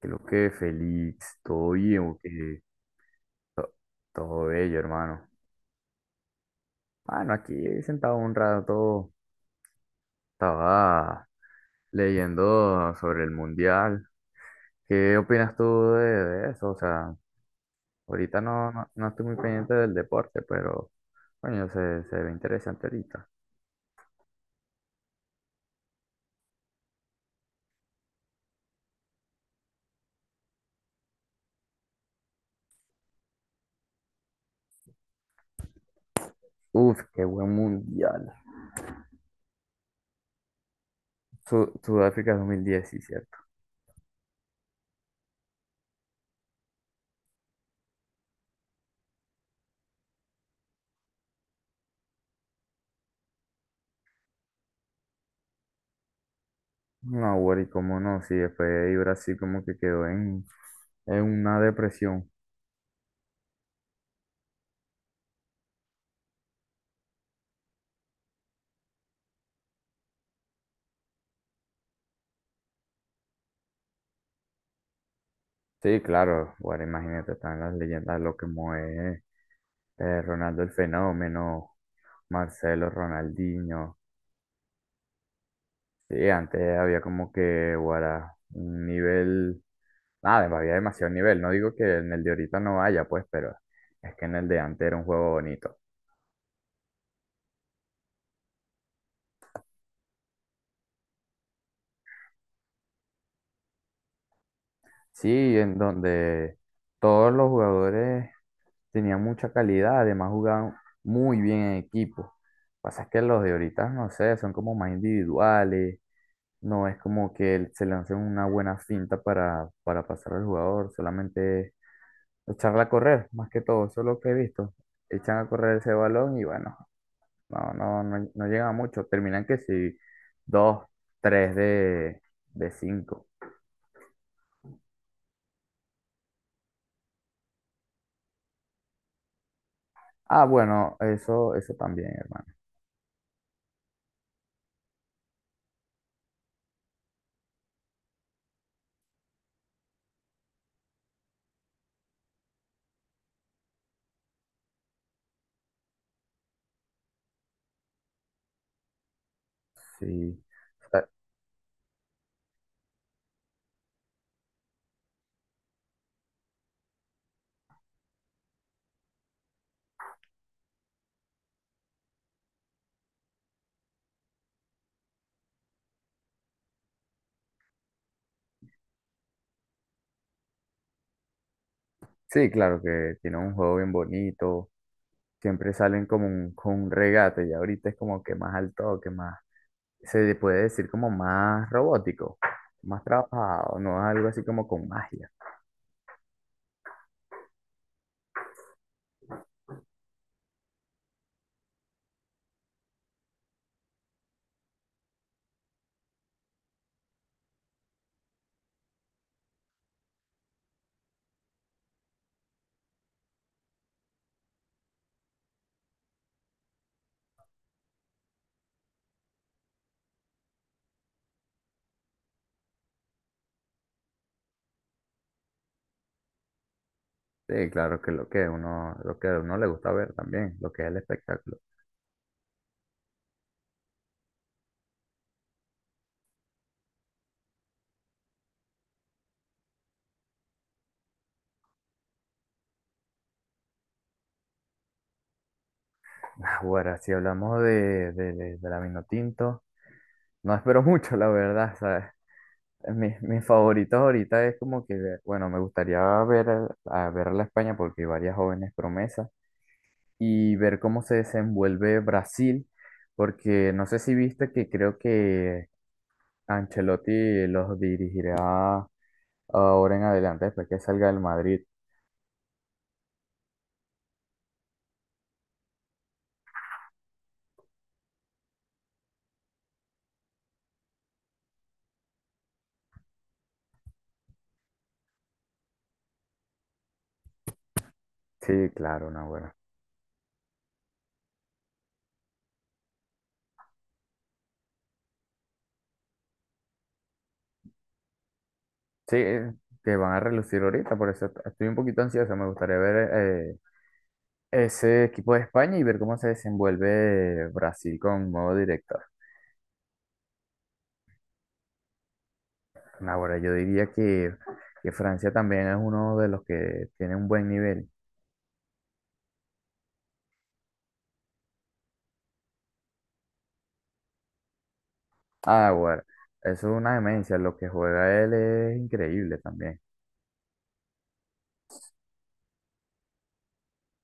Creo que feliz, todo bien, o que to- todo bello, hermano. Bueno, aquí sentado un rato, estaba leyendo sobre el mundial. ¿Qué opinas tú de eso? O sea, ahorita no estoy muy pendiente del deporte, pero coño, se ve interesante ahorita. Uf, qué buen mundial. Sudáfrica 2010, sí, cierto. No, güey, cómo no, sí, después ahí Brasil como que quedó en una depresión. Sí, claro, bueno, imagínate, están las leyendas, lo que mueve Ronaldo el Fenómeno, Marcelo, Ronaldinho. Sí, antes había como que, guara, un nivel, nada, había demasiado nivel. No digo que en el de ahorita no haya, pues, pero es que en el de antes era un juego bonito. Sí, en donde todos los jugadores tenían mucha calidad, además jugaban muy bien en equipo. Pasa es que los de ahorita, no sé, son como más individuales. No es como que él se lance una buena finta para pasar al jugador, solamente echarla a correr, más que todo, eso es lo que he visto. Echan a correr ese balón y bueno, no llega mucho. Terminan que si dos, tres de cinco. Ah, bueno, eso también, hermano. Sí. O sea, sí, claro que tiene un juego bien bonito. Siempre salen como con un regate y ahorita es como que más al toque, más. Se le puede decir como más robótico, más trabajado, no es algo así como con magia. Sí, claro que lo que uno, lo que a uno le gusta ver también, lo que es el espectáculo. Ahora, si hablamos de la Vinotinto, no espero mucho, la verdad, ¿sabes? Mis favoritos ahorita es como que, bueno, me gustaría ver a ver a la España porque hay varias jóvenes promesas y ver cómo se desenvuelve Brasil, porque no sé si viste que creo que Ancelotti los dirigirá ahora en adelante, después que salga del Madrid. Sí, claro, no, bueno. Sí, que van a relucir ahorita, por eso estoy un poquito ansioso. Me gustaría ver eh, ese equipo de España y ver cómo se desenvuelve Brasil con nuevo director. Ahora, yo diría que Francia también es uno de los que tiene un buen nivel. Ah, bueno, eso es una demencia. Lo que juega él es increíble también.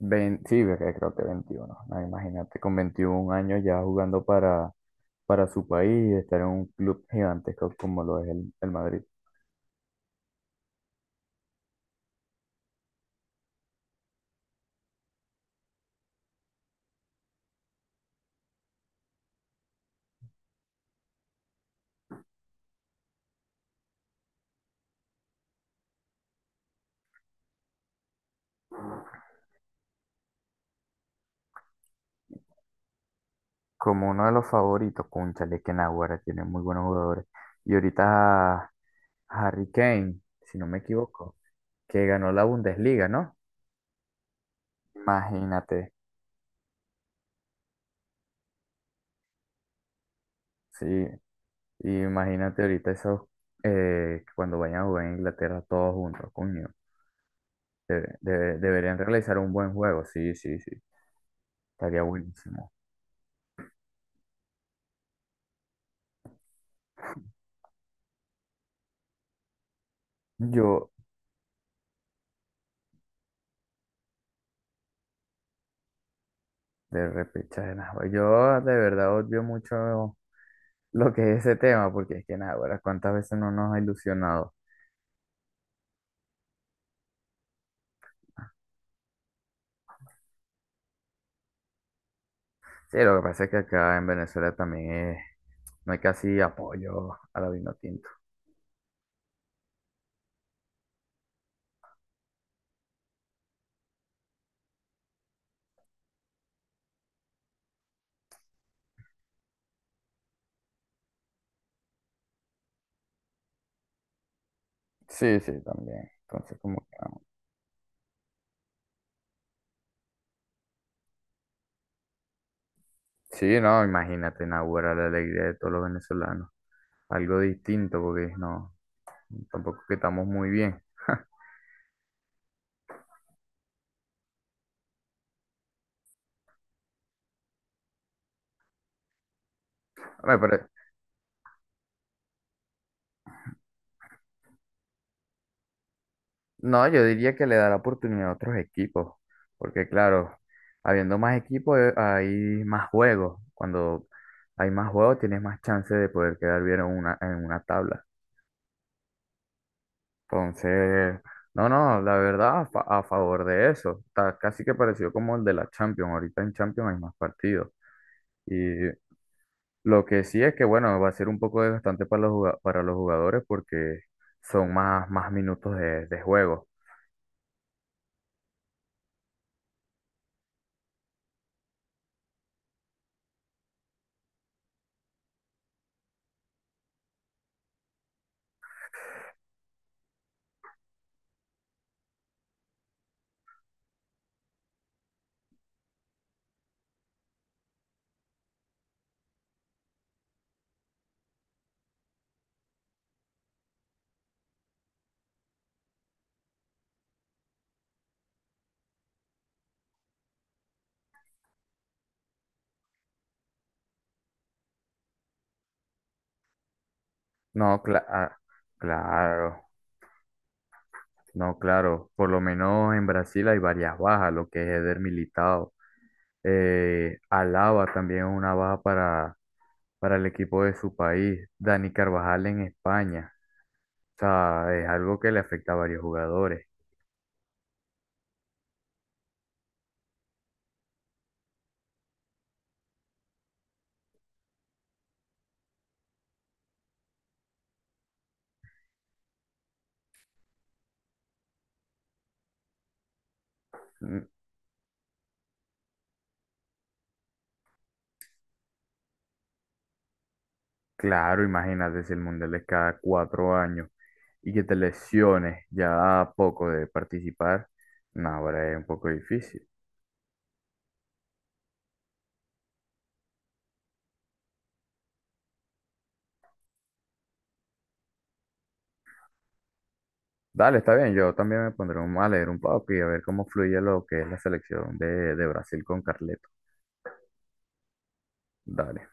Sí, ve creo que veintiuno. No, imagínate, con 21 años ya jugando para su país y estar en un club gigantesco como lo es el Madrid. Como uno de los favoritos, cónchale, que Naguará tiene muy buenos jugadores. Y ahorita Harry Kane, si no me equivoco, que ganó la Bundesliga, ¿no? Imagínate, sí. Y imagínate ahorita esos cuando vayan a jugar en Inglaterra todos juntos, coño. Deberían realizar un buen juego, sí, sí, sí. Estaría buenísimo. Yo, de repechaje, nah, güey, yo de verdad odio mucho lo que es ese tema, porque es que nada, ahora cuántas veces no nos ha ilusionado. Sí, lo que pasa es que acá en Venezuela también no hay casi apoyo a la vino tinto. Sí, sí, también. Entonces, como que, no. Sí, no, imagínate, Nahuara, la alegría de todos los venezolanos. Algo distinto, porque no, tampoco que estamos muy bien. Me pare- No, yo diría que le da la oportunidad a otros equipos, porque claro, habiendo más equipos, hay más juegos. Cuando hay más juegos tienes más chance de poder quedar bien en una tabla. Entonces, no, no, la verdad a favor de eso. Está casi que parecido como el de la Champions. Ahorita en Champions hay más partidos. Y lo que sí es que, bueno, va a ser un poco desgastante para para los jugadores porque son más minutos de juego. No, claro. Claro. No, claro, por lo menos en Brasil hay varias bajas, lo que es Eder Militao. Alaba también es una baja para el equipo de su país. Dani Carvajal en España. O sea, es algo que le afecta a varios jugadores. Mm, claro, imagínate si el Mundial es cada 4 años y que te lesiones ya a poco de participar. No, ahora es un poco difícil. Dale, está bien, yo también me pondré un, a leer un poco y a ver cómo fluye lo que es la selección de Brasil con Carleto. Dale.